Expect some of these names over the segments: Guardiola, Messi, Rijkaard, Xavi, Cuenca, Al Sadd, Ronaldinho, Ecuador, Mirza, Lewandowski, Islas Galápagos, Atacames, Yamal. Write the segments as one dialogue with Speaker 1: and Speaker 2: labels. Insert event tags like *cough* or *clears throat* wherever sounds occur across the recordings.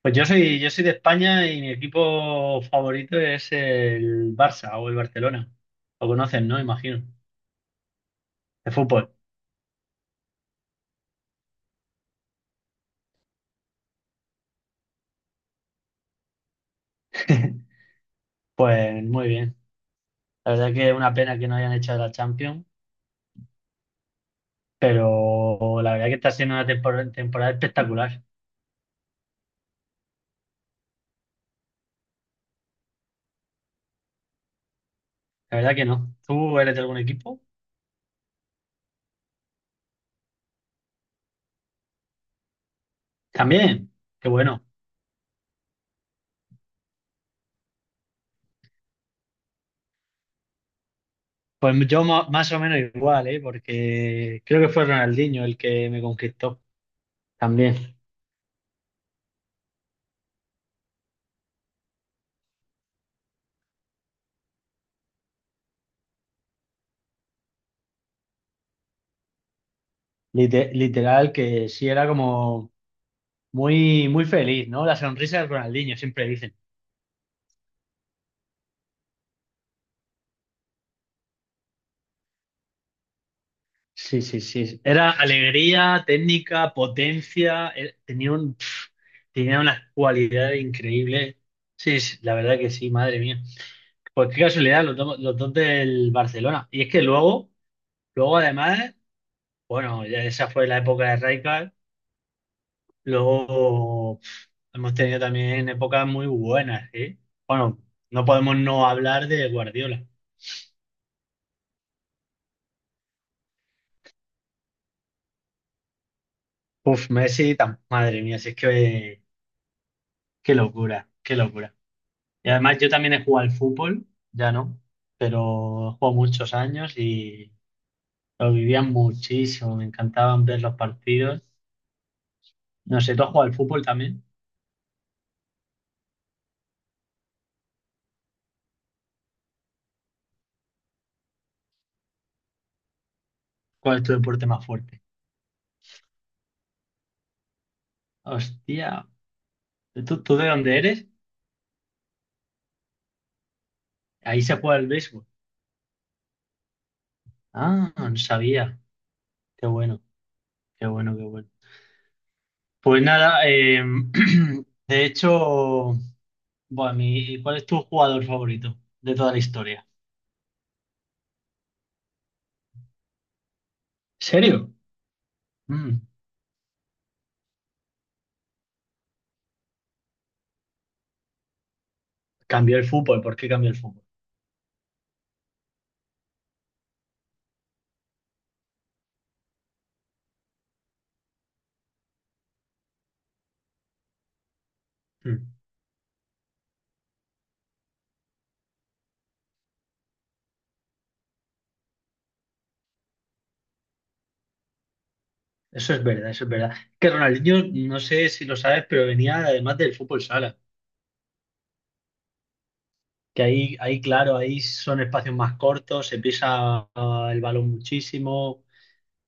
Speaker 1: Pues yo soy de España y mi equipo favorito es el Barça o el Barcelona. Lo conocen, ¿no? Imagino. De fútbol. *laughs* Pues muy bien. La verdad que es una pena que no hayan hecho la Champions, pero la verdad que está siendo una temporada espectacular. La verdad que no. ¿Tú eres de algún equipo? También. Qué bueno. Pues yo más o menos igual, ¿eh? Porque creo que fue Ronaldinho el que me conquistó. También. Literal que sí, era como... Muy, muy feliz, ¿no? La sonrisa de Ronaldinho, siempre dicen. Sí, sí, sí. Era alegría, técnica, potencia. Tenía un, tenía una cualidad increíble. Sí, sí, la verdad que sí, madre mía. Pues qué casualidad, los dos del Barcelona. Y es que luego, luego además, bueno, ya esa fue la época de Rijkaard. Luego hemos tenido también épocas muy buenas, ¿eh? Bueno, no podemos no hablar de Guardiola. Uf, Messi, madre mía, si es que... Qué locura, qué locura. Y además yo también he jugado al fútbol, ya no, pero he jugado muchos años y lo vivía muchísimo, me encantaban ver los partidos. No sé, ¿tú has jugado al fútbol también? ¿Cuál es tu deporte más fuerte? Hostia, ¿tú de dónde eres? Ahí se juega el béisbol. Ah, no sabía. Qué bueno, qué bueno, qué bueno. Pues nada, *clears throat* de hecho, bueno, ¿cuál es tu jugador favorito de toda la historia? ¿En serio? Mm, cambió el fútbol, ¿por qué cambió el fútbol? Mm, eso es verdad, eso es verdad. Que Ronaldinho, no sé si lo sabes, pero venía además del fútbol sala, que ahí, ahí claro, ahí son espacios más cortos, se pisa el balón muchísimo,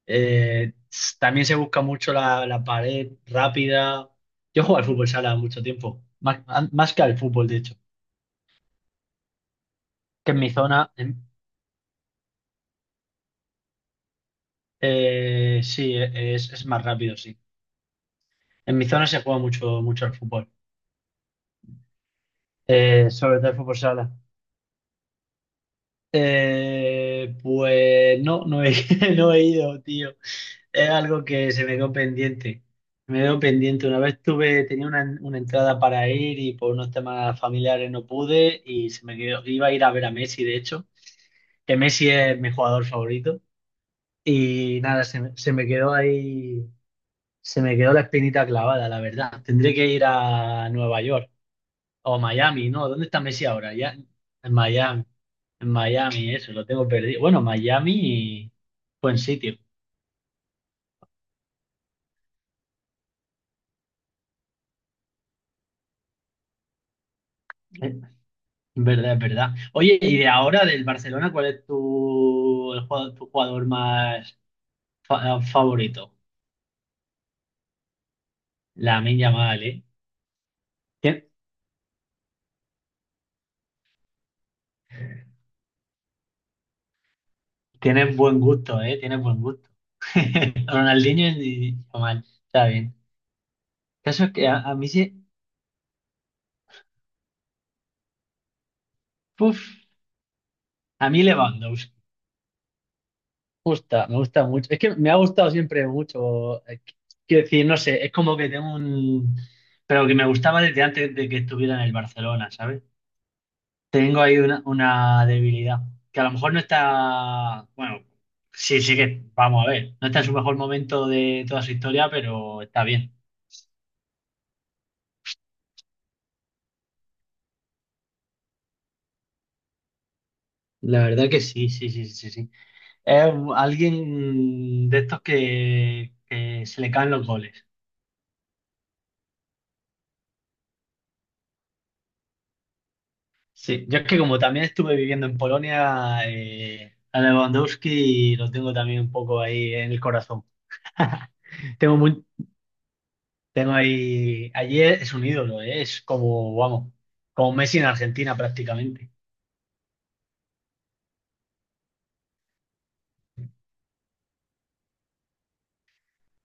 Speaker 1: también se busca mucho la, la pared rápida. Yo juego al fútbol sala mucho tiempo, más, más que al fútbol, de hecho, que en mi zona, sí, es más rápido, sí. En mi zona se juega mucho, mucho al fútbol, sobre todo al fútbol sala. Eh, pues no, no he, *laughs* no he ido, tío. Es algo que se me quedó pendiente. Me quedó pendiente. Una vez tuve, tenía una entrada para ir y por unos temas familiares no pude y se me quedó. Iba a ir a ver a Messi, de hecho, que Messi es mi jugador favorito. Y nada, se me quedó ahí, se me quedó la espinita clavada, la verdad. Tendré que ir a Nueva York o Miami, ¿no? ¿Dónde está Messi ahora? Ya, en Miami. En Miami, eso, lo tengo perdido. Bueno, Miami y buen sitio. Eh, Verdad, es verdad. Oye, y de ahora del Barcelona, ¿cuál es tu, el jugador, tu jugador más favorito? La Yamal, ¿eh? Tien- Tienes buen gusto, ¿eh? Tienes buen gusto. *laughs* Ronaldinho y Yamal, está bien. El caso es que a mí sí, puf, a mí Lewandowski gusta, me gusta mucho. Es que me ha gustado siempre mucho. Quiero decir, no sé, es como que tengo un... Pero que me gustaba desde antes de que estuviera en el Barcelona, ¿sabes? Tengo ahí una debilidad, que a lo mejor no está... Bueno, sí, sí que, vamos a ver, no está en su mejor momento de toda su historia, pero está bien. La verdad que sí, sí, sí, sí, sí. Es alguien de estos que se le caen los goles. Sí, yo es que como también estuve viviendo en Polonia, a Lewandowski lo tengo también un poco ahí en el corazón. *laughs* Tengo muy, tengo ahí, allí es un ídolo, es como, vamos, como Messi en Argentina prácticamente.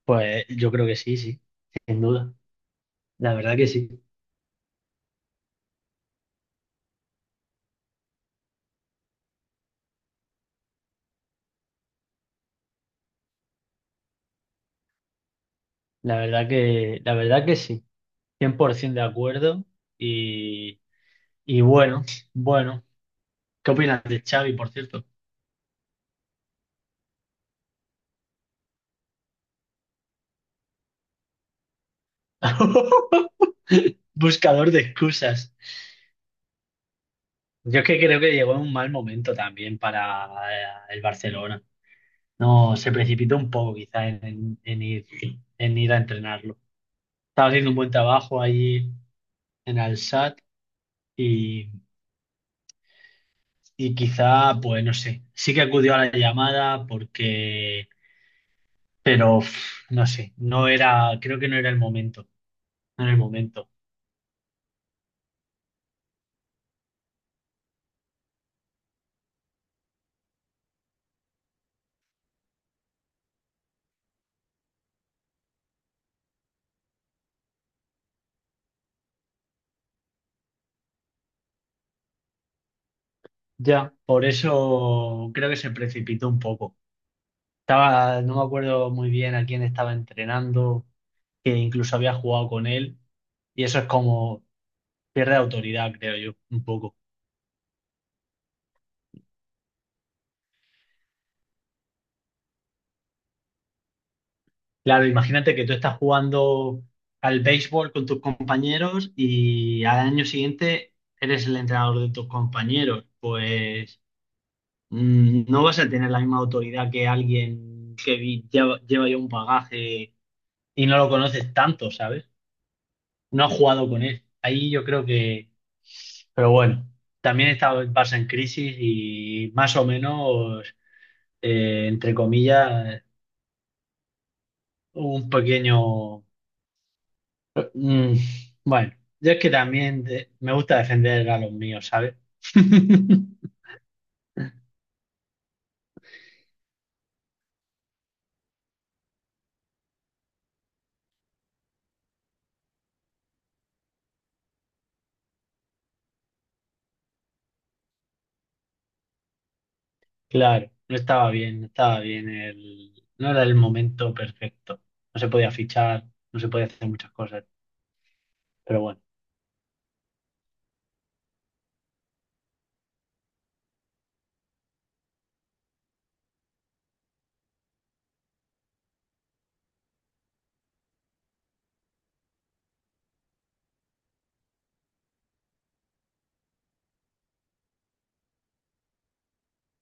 Speaker 1: Pues yo creo que sí, sí, sin duda. La verdad que sí, la verdad que sí, 100% de acuerdo. Y, y bueno, bueno, ¿qué opinas de Xavi, por cierto? *laughs* Buscador de excusas. Yo es que creo que llegó en un mal momento también para el Barcelona. No, se precipitó un poco quizás en ir a entrenarlo. Estaba haciendo un buen trabajo allí en Al Sadd y, y quizá, pues no sé, sí que acudió a la llamada porque, pero no sé, no era, creo que no era el momento, no era el momento. Ya, por eso creo que se precipitó un poco. Estaba, no me acuerdo muy bien a quién estaba entrenando, que incluso había jugado con él. Y eso es como, pierde autoridad, creo yo, un poco. Claro, imagínate que tú estás jugando al béisbol con tus compañeros y al año siguiente eres el entrenador de tus compañeros. Pues mm, no vas a tener la misma autoridad que alguien que lleva, lleva ya un bagaje y no lo conoces tanto, ¿sabes? No has jugado con él. Ahí yo creo que... Pero bueno, también está el Barça en crisis y más o menos, entre comillas un pequeño... mm, bueno, yo es que también me gusta defender a los míos, ¿sabes? *laughs* Claro, no estaba bien, no estaba bien el... No era el momento perfecto. No se podía fichar, no se podía hacer muchas cosas. Pero bueno,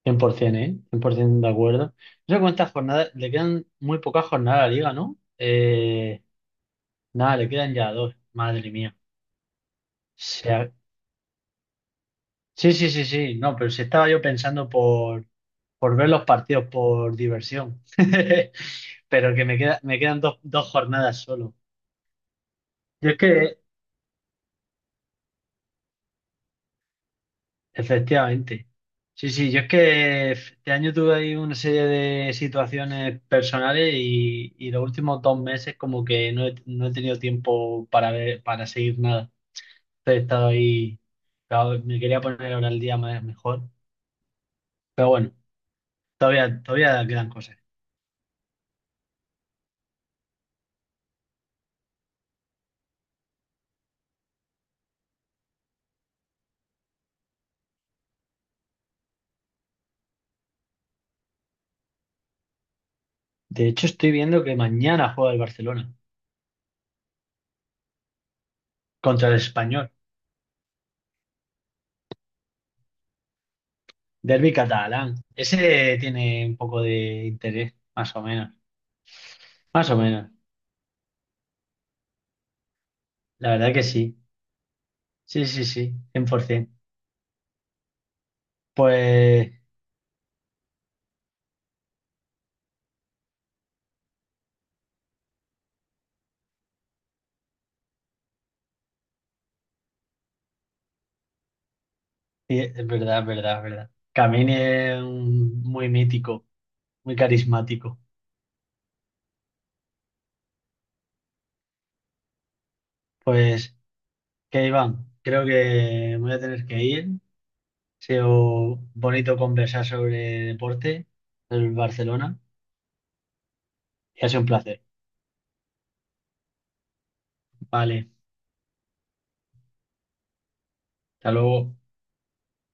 Speaker 1: 100%, ¿eh? 100% de acuerdo. No sé cuántas jornadas... Le quedan muy pocas jornadas a la liga, ¿no? Nada, le quedan ya 2. Madre mía. Se, Sí, sí, sí, sí. No, pero si estaba yo pensando por ver los partidos por diversión. *laughs* Pero que me queda, me quedan dos, 2 jornadas solo. Yo es que, efectivamente. Sí, sí, yo es que este año tuve ahí una serie de situaciones personales y los últimos 2 meses como que no he, no he tenido tiempo para ver, para seguir nada. He estado ahí, claro, me quería poner ahora el día más mejor. Pero bueno, todavía, todavía quedan cosas. De hecho, estoy viendo que mañana juega el Barcelona contra el Español. Derbi catalán. Ese tiene un poco de interés, más o menos. Más o menos. La verdad que sí. Sí, sí, sí. 100%. Pues sí, es verdad, es verdad, es verdad. Camini es muy mítico, muy carismático. Pues, ¿qué, Iván? Creo que voy a tener que ir. Ha sido bonito conversar sobre deporte del Barcelona y ha sido un placer. Vale, hasta luego.